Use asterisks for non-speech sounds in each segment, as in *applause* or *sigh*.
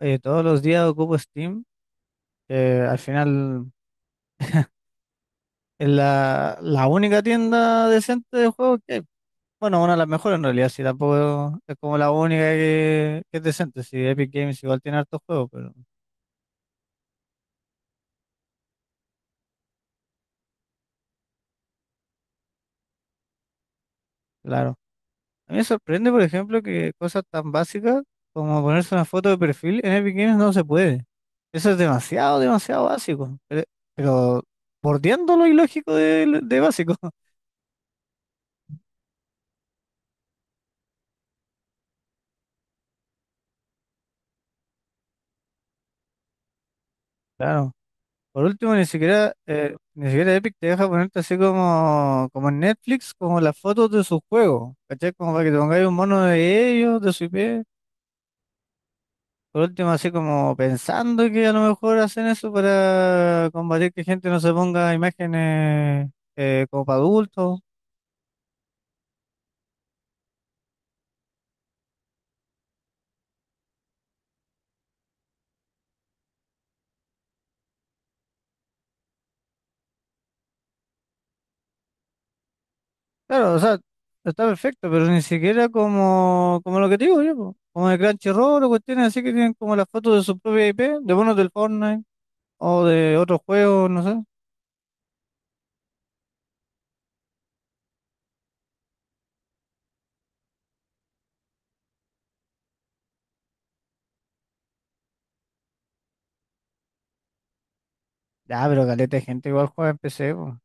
Todos los días ocupo Steam, que al final es la única tienda decente de juegos que hay. Bueno, una de las mejores en realidad, sí, tampoco es como la única que es decente. Sí, Epic Games igual tiene hartos juegos, pero claro. A mí me sorprende, por ejemplo, que cosas tan básicas como ponerse una foto de perfil en Epic Games no se puede. Eso es demasiado, demasiado básico. Pero bordeando lo ilógico de básico. *laughs* Claro. Por último, ni siquiera, ni siquiera Epic te deja ponerte así como, como en Netflix, como las fotos de sus juegos, ¿cachai? Como para que te pongáis un mono de ellos, de su IP. Por último, así como pensando que a lo mejor hacen eso para combatir que gente no se ponga imágenes como para adultos. Claro, o sea, está perfecto, pero ni siquiera como, como lo que te digo yo, po, como de Crunchyroll o cuestiones así que tienen como las fotos de su propia IP, de monos del Fortnite o de otros juegos, no sé. Ah, pero caleta de gente igual juega en PC, po.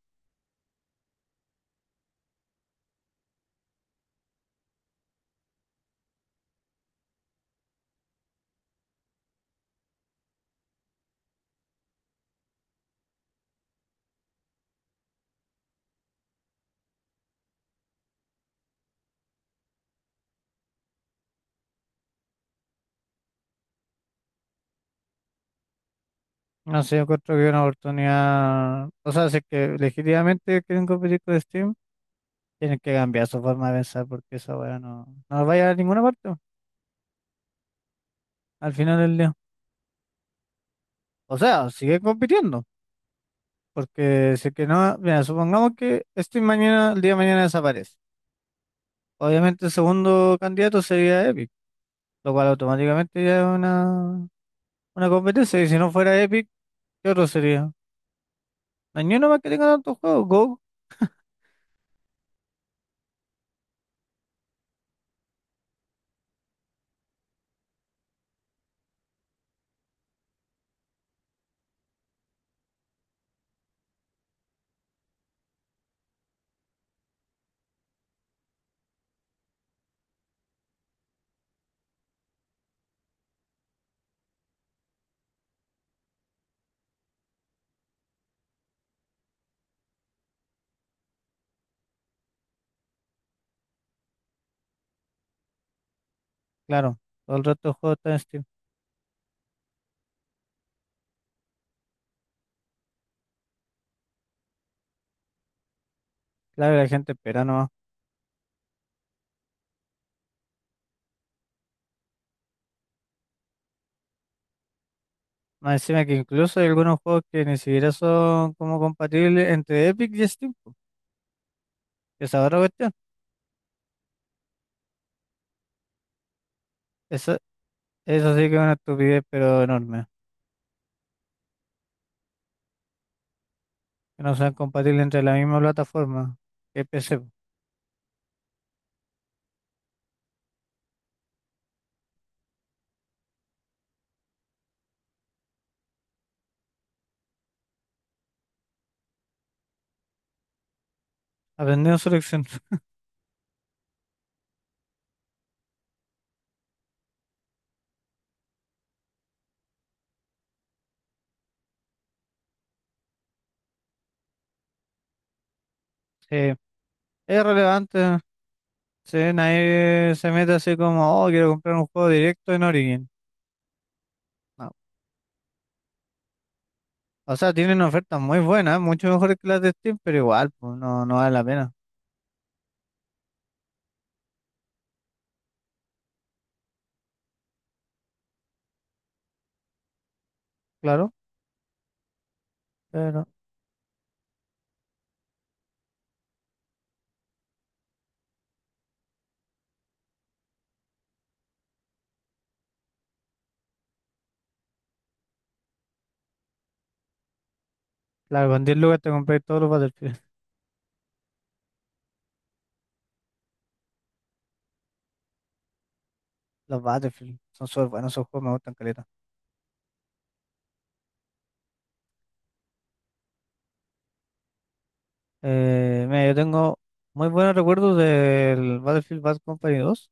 No sé, yo encuentro que es una oportunidad. O sea, si es que legítimamente quieren competir con Steam, tienen que cambiar su forma de pensar porque esa weá no, no va a llegar a ninguna parte al final del día. O sea, sigue compitiendo. Porque si es que no, mira, supongamos que Steam mañana, el día de mañana desaparece. Obviamente el segundo candidato sería Epic, lo cual automáticamente ya es una competencia. Y si no fuera Epic, ¿qué otro sería? No hay ni uno más que tenga tantos juegos. Go, claro. Todo el resto de juegos está en Steam. Claro, la gente espera nomás. Más encima que incluso hay algunos juegos que ni siquiera son como compatibles entre Epic y Steam, po. Esa es otra cuestión. Eso, eso sí que es una estupidez, pero enorme. Que no sean compatibles entre la misma plataforma que PC, po. Aprendiendo su lección. *laughs* Sí, es relevante. Sí, nadie se mete así como, oh, quiero comprar un juego directo en Origin. No. O sea, tienen ofertas muy buenas, mucho mejores que las de Steam, pero igual, pues no, no vale la pena. Claro, pero claro, con 10 lucas te compré todos los Battlefield. Los Battlefield son súper buenos, esos juegos me gustan caleta. Mira, yo tengo muy buenos recuerdos del Battlefield Bad Company 2,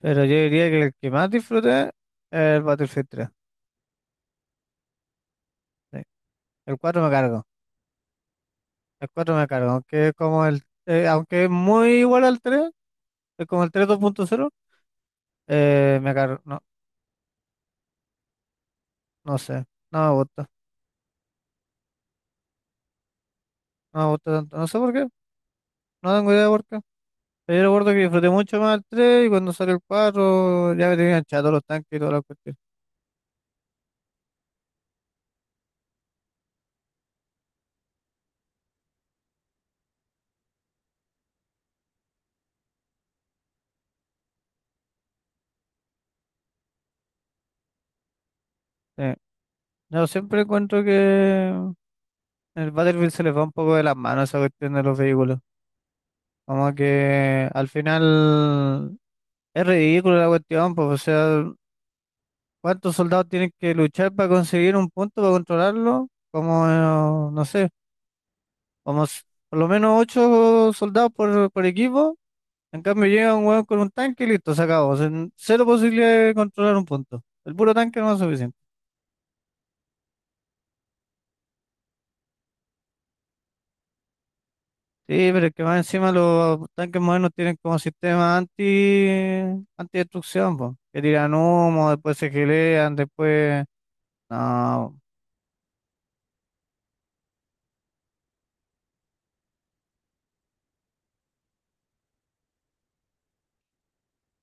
pero yo diría que el que más disfruté es el Battlefield tres, sí. El 4 me cargo, el cuatro me cargo, aunque es como aunque es muy igual al tres, es como el 3 2.0. Me cargo, no sé, no me gusta, no me gusta tanto, no sé por qué, no tengo idea por qué. Pero yo recuerdo que disfruté mucho más el tres, y cuando salió el 4 ya me tenían chato los tanques y todas las cuestiones. Yo siempre encuentro que en el Battlefield se les va un poco de las manos esa cuestión de los vehículos. Como que al final es ridículo la cuestión, pues, o sea, ¿cuántos soldados tienen que luchar para conseguir un punto, para controlarlo? Como, no sé, como s- por lo menos ocho soldados por equipo. En cambio llega un hueón con un tanque y listo, se acabó. O sea, cero posibilidad de controlar un punto. El puro tanque no es suficiente. Sí, pero es que más encima los tanques modernos tienen como sistema antidestrucción, po, que tiran humo, después se gelean, después... No,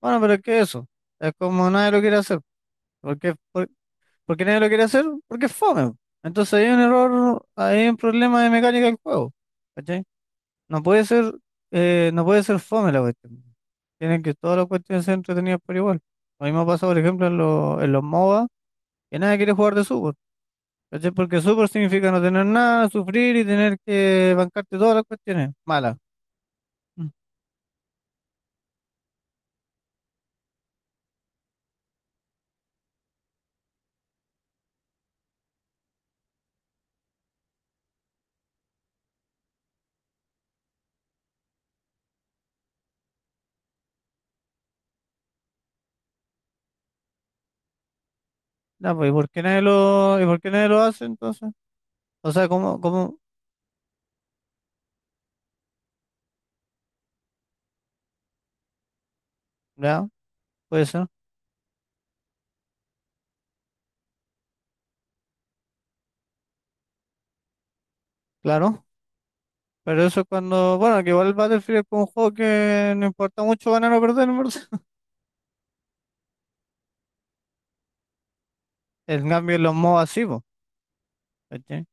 bueno, pero es que eso, es como nadie lo quiere hacer. ¿Por qué, por, ¿por qué nadie lo quiere hacer? Porque es fome, po. Entonces hay un error, hay un problema de mecánica del juego, ¿cachai? No puede ser, no puede ser fome la cuestión. Tienen que todas las cuestiones ser entretenidas por igual. Lo mismo pasa, por ejemplo, en los MOBA, que nadie quiere jugar de sub, ¿cachai? Porque súper significa no tener nada, sufrir y tener que bancarte todas las cuestiones malas. Mm. Ya, pues, ¿y por qué nadie lo hace entonces? O sea, ¿cómo? Ya, puede ser, claro. Pero eso es cuando, bueno, que igual el Battlefield es como un juego que no importa mucho ganar o perder, en verdad. *laughs* En cambio, en los modos así, po, ¿cachai?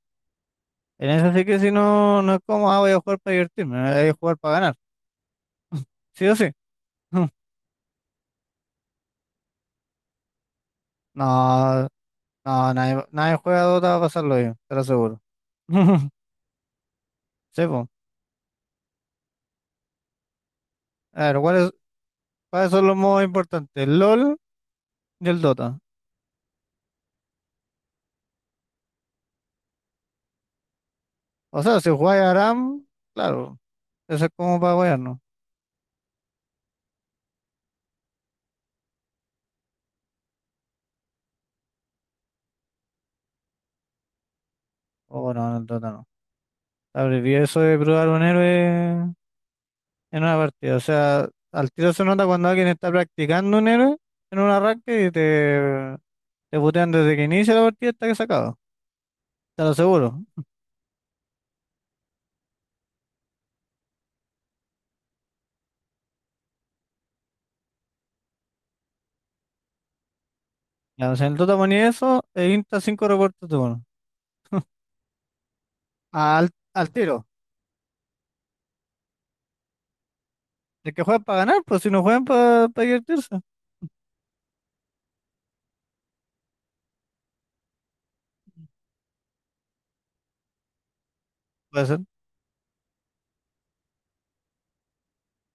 En eso sí que si no, no es como, ah, voy a jugar para divertirme, voy a jugar para ganar. Sí o sí. *laughs* No, nadie juega a Dota para pasarlo bien, te lo aseguro. *laughs* Sí, po. A ver, ¿cuáles? Para eso es lo más importante, el LOL y el Dota. O sea, si jugáis Aram, claro, eso es como para wearnos. O no, en el Dota no. Abreví eso de probar un héroe en una partida. O sea, al tiro se nota cuando alguien está practicando un héroe en un arranque y te putean desde que inicia la partida hasta que se acaba. Te lo aseguro. Ya, o sea, en el Dota ponía eso e insta 5 reportes de uno. Al, al tiro. El que juega para ganar, pues si no juegan para divertirse. Puede ser.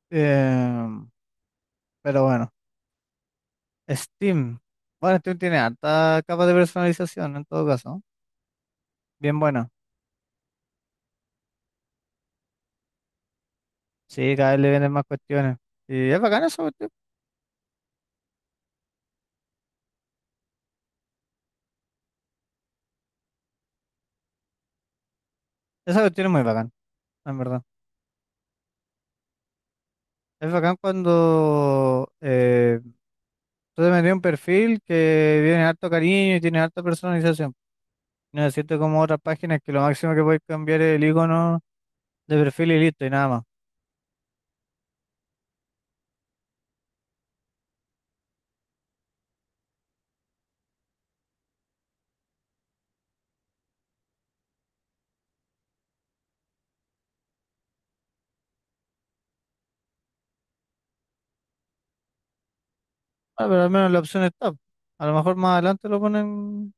Eh, pero bueno. Steam. Bueno, Steam tiene alta capa de personalización en todo caso. Bien buena. Sí, cada vez le vienen más cuestiones. Y es bacán esa cuestión. Esa cuestión es muy bacán, en verdad. Es bacán cuando tú te metes en un perfil que tiene harto cariño y tiene harta personalización. No es cierto como otras páginas que lo máximo que puedes cambiar es el icono de perfil y listo y nada más. Ah, pero al menos la opción está. A lo mejor más adelante lo ponen.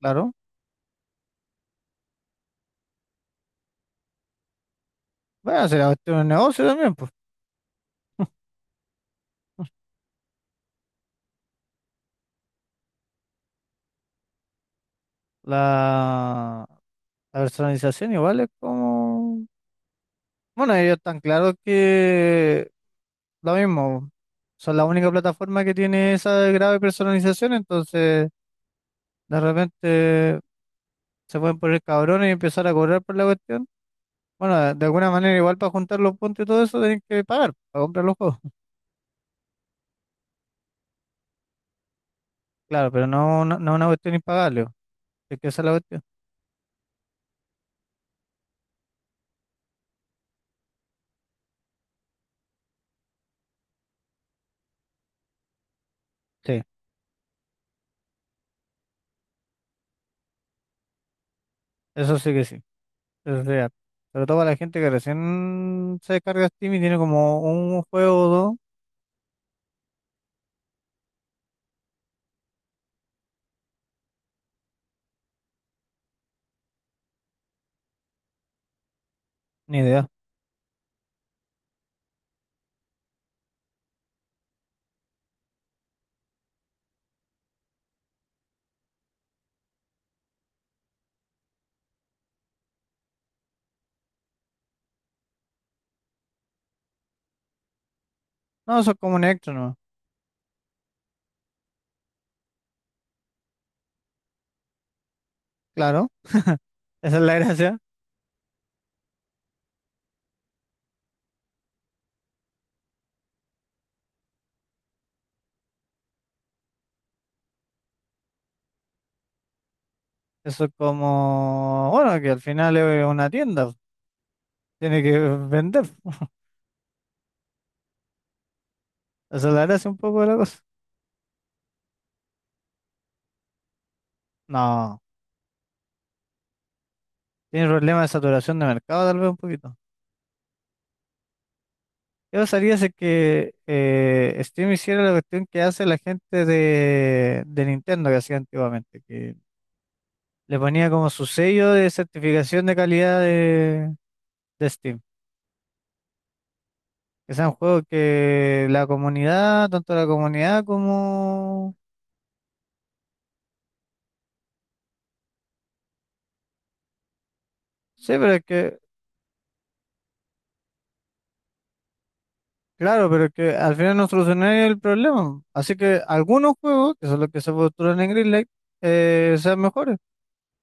Claro. Bueno, será cuestión de negocio también, pues. La La personalización igual es como... Bueno, ellos tan claro que lo mismo, son la única plataforma que tiene esa grave personalización, entonces de repente se pueden poner cabrones y empezar a cobrar por la cuestión. Bueno, de alguna manera igual para juntar los puntos y todo eso tienen que pagar para comprar los juegos. Claro, pero no es una cuestión impagable, po, es que esa es la cuestión. Sí, eso sí que sí, eso es real. Sobre todo para la gente que recién se descarga Steam y tiene como un juego o dos, ni idea. No, son como un extra. Claro, *laughs* esa es la gracia. Eso es como, bueno, que al final es una tienda, tiene que vender. Esa es la gracia un poco de la cosa. No, tiene problemas de saturación de mercado tal vez un poquito. ¿Qué pasaría si es que Steam hiciera la cuestión que hace la gente de Nintendo que hacía antiguamente? Que le ponía como su sello de certificación de calidad de Steam. Que sea un juego que la comunidad, tanto la comunidad como... Sí, pero es que claro, pero que al final no escenario el problema. Así que algunos juegos, que son los que se postulan en Greenlight, sean mejores.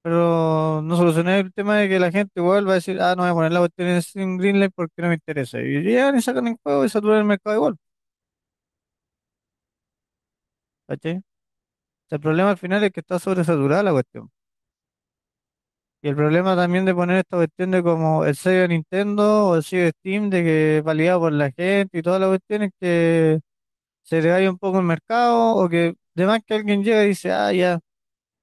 Pero no solucioné el tema de que la gente igual va a decir, ah, no voy a poner la cuestión en Greenlight porque no me interesa. Y llegan y sacan el juego y saturan el mercado igual. ¿Cachai? El problema al final es que está sobresaturada la cuestión. Y el problema también de poner esta cuestión de como el sello de Nintendo o el sello de Steam, de que es validado por la gente y todas las cuestiones que se le un poco el mercado o que... Además que alguien llega y dice, ah, ya.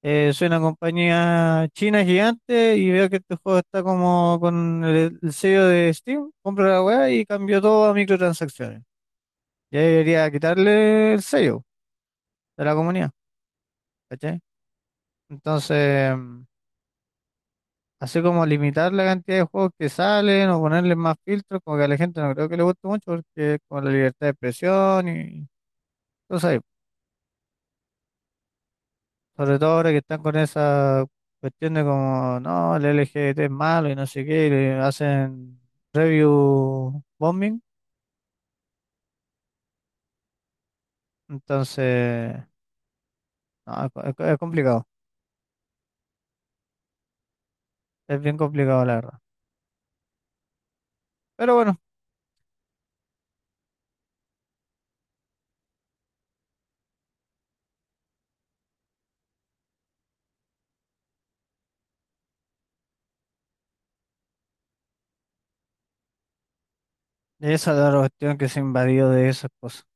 Soy una compañía china gigante y veo que este juego está como con el sello de Steam. Compro la weá y cambio todo a microtransacciones. Ya debería quitarle el sello de la comunidad, ¿cachai? Entonces, mm, así como limitar la cantidad de juegos que salen o ponerle más filtros, como que a la gente no creo que le guste mucho porque con la libertad de expresión y cosas. Sobre todo ahora que están con esa cuestión de como, no, el LGBT es malo y no sé qué, y le hacen review bombing. Entonces, no, es complicado, es bien complicado la verdad. Pero bueno, esa es la cuestión que se invadió de esas cosas.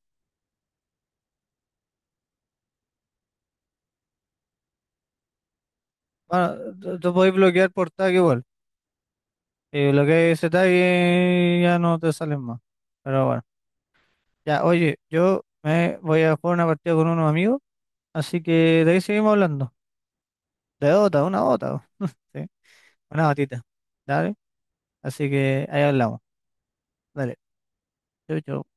Bueno, tú podés bloquear por tag igual. Y bloquear ese tag y ya no te salen más. Pero bueno, ya, oye, yo me voy a jugar una partida con unos amigos, así que de ahí seguimos hablando. De Dota, una Dota. *laughs* Sí. Una gotita. Dale. Así que ahí hablamos. Dale. Chau, chau.